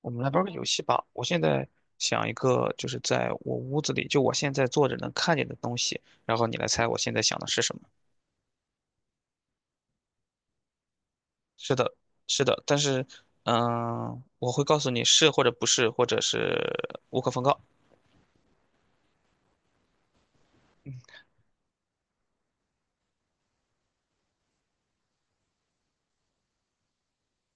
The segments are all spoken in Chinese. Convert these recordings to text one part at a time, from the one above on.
我们来玩个游戏吧。我现在想一个，就是在我屋子里，就我现在坐着能看见的东西，然后你来猜我现在想的是什么。是的，是的，但是，我会告诉你是或者不是，或者是无可奉告。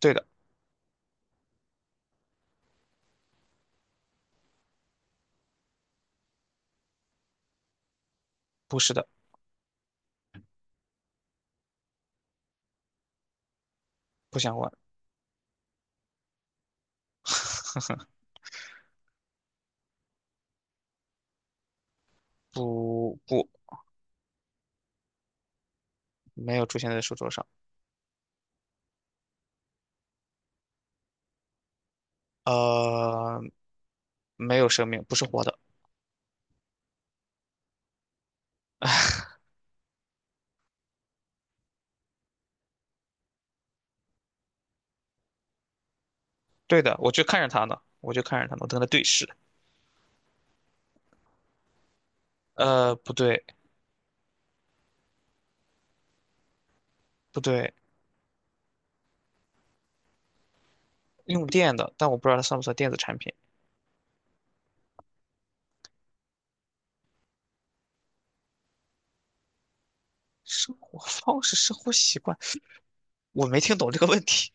对的，不是的，不想关，不不，没有出现在书桌上。呃，没有生命，不是活的。对的，我就看着它呢，我就看着它呢，我跟它对视。不对，不对，用电的，但我不知道它算不算电子产品。生活方式、生活习惯，我没听懂这个问题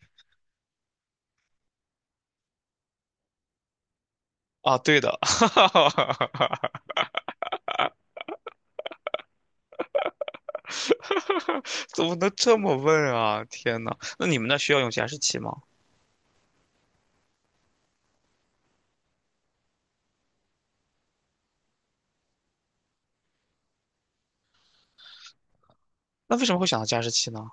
啊。对的，哈哈哈怎么能这么问啊？天呐，那你们那需要用加湿器吗？那为什么会想到加湿器呢？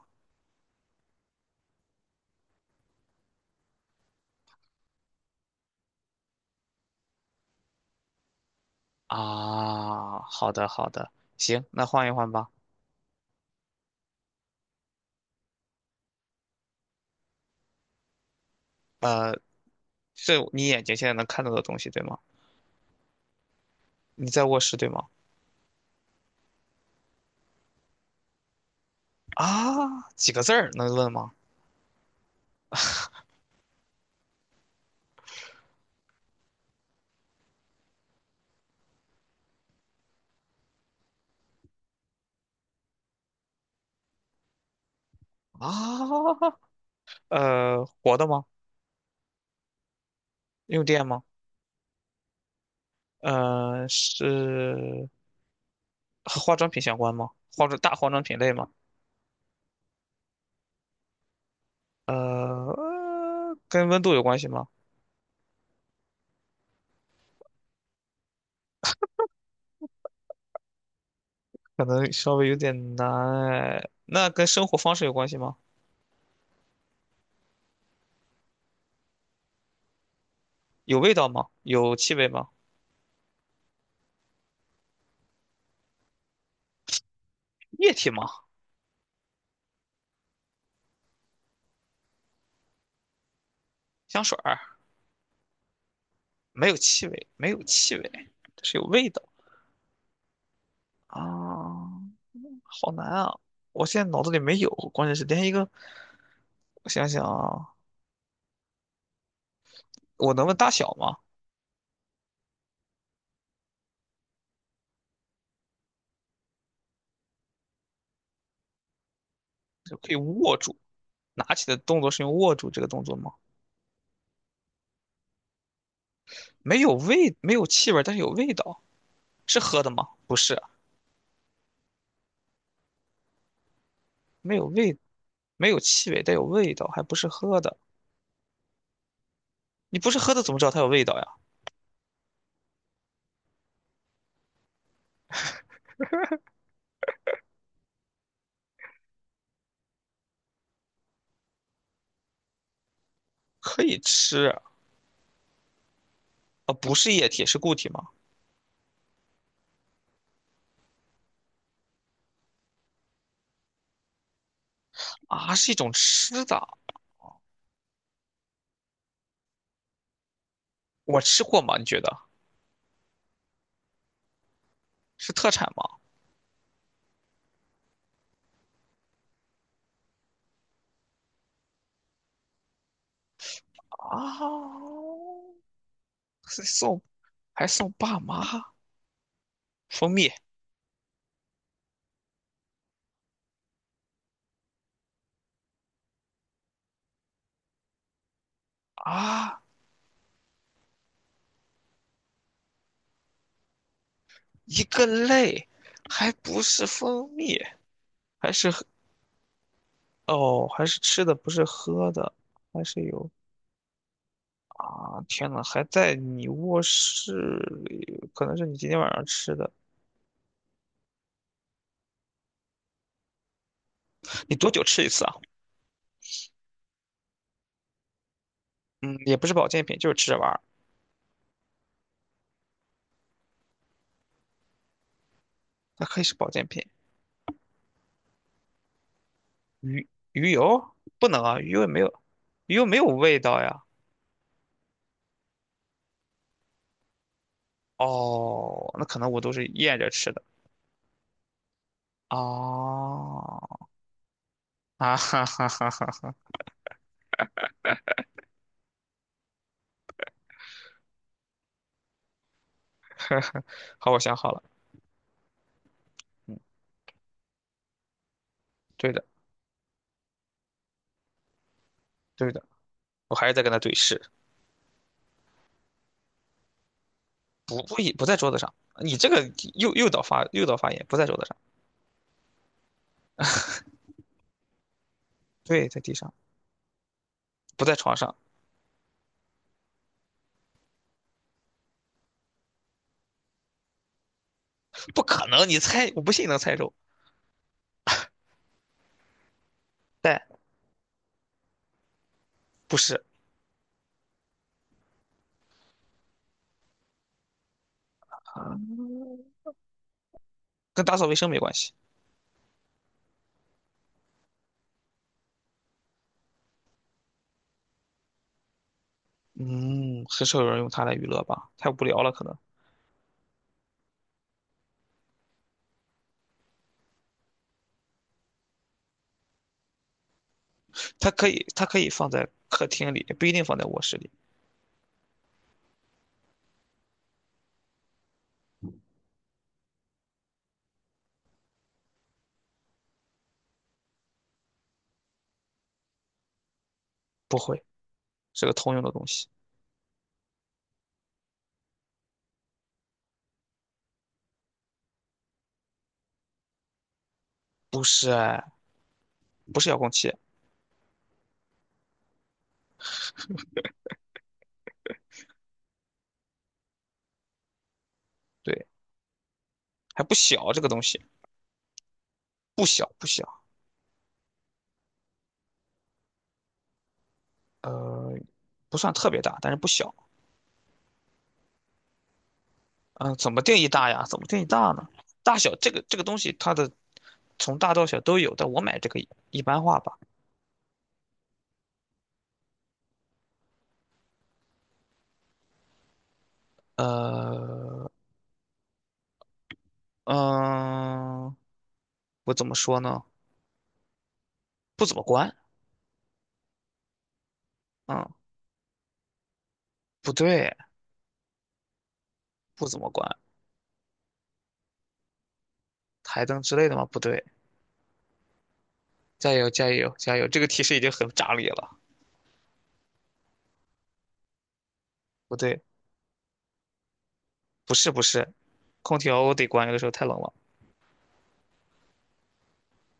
啊，好的好的，行，那换一换吧。呃，这你眼睛现在能看到的东西对吗？你在卧室对吗？啊，几个字儿能问吗？啊，活的吗？用电吗？是和化妆品相关吗？化妆大化妆品类吗？呃，跟温度有关系吗？可能稍微有点难哎。那跟生活方式有关系吗？有味道吗？有气味吗？液体吗？香水儿没有气味，没有气味，但是有味道啊，好难啊！我现在脑子里没有，关键是连一个，我想想啊，我能问大小吗？就可以握住，拿起的动作是用握住这个动作吗？没有味，没有气味，但是有味道，是喝的吗？不是。没有味，没有气味，但有味道，还不是喝的。你不是喝的，怎么知道它有味道呀？可以吃啊，不是液体，是固体吗？啊，是一种吃的，我吃过吗？你觉得是特产吗？啊，是送还送爸妈蜂蜜啊，一个类，还不是蜂蜜，还是喝哦，还是吃的，不是喝的。还是有啊！天呐，还在你卧室里，可能是你今天晚上吃的。你多久吃一次啊？嗯，也不是保健品，就是吃着玩儿。它可以是保健品。鱼鱼油不能啊，鱼油也没有，鱼油没有味道呀。哦，那可能我都是咽着吃的。哦，啊哈哈哈哈，好，我想好了，嗯，对的，对的，我还是在跟他对视，不在桌子上，你这个诱导发言不在桌子上，对，在地上，不在床上，不可能，你猜，我不信你能猜中，但不是啊，跟打扫卫生没关系，嗯，很少有人用它来娱乐吧？太无聊了，可能。它可以放在客厅里，也不一定放在卧室里。不会，是个通用的东西。不是哎，不是遥控器，对，还不小，这个东西不小不小，呃，不算特别大，但是不小。嗯、怎么定义大呀？怎么定义大呢？大小这个东西，它的从大到小都有，但我买这个一般化吧。呃，嗯、我怎么说呢？不怎么关，嗯，不对，不怎么关。台灯之类的吗？不对，加油加油加油！这个提示已经很炸裂了。不对，不是不是，空调我得关，有的时候太冷了。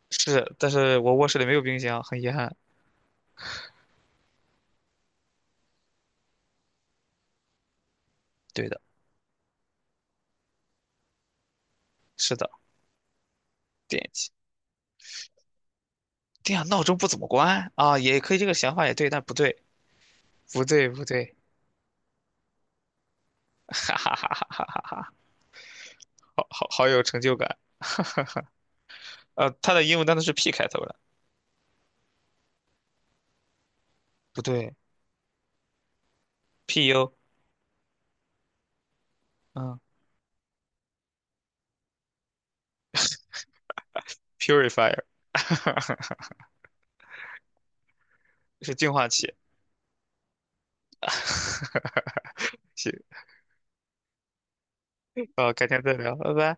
是，但是我卧室里没有冰箱，很遗憾。对的，是的，电器。对呀，闹钟不怎么关啊，也可以，这个想法也对，但不对，不对不对，哈哈哈哈哈哈哈，好好好有成就感。它的英文单词是 P 开头的，不对，PU，嗯，purifier，是净化器。行，好，改天再聊，拜拜。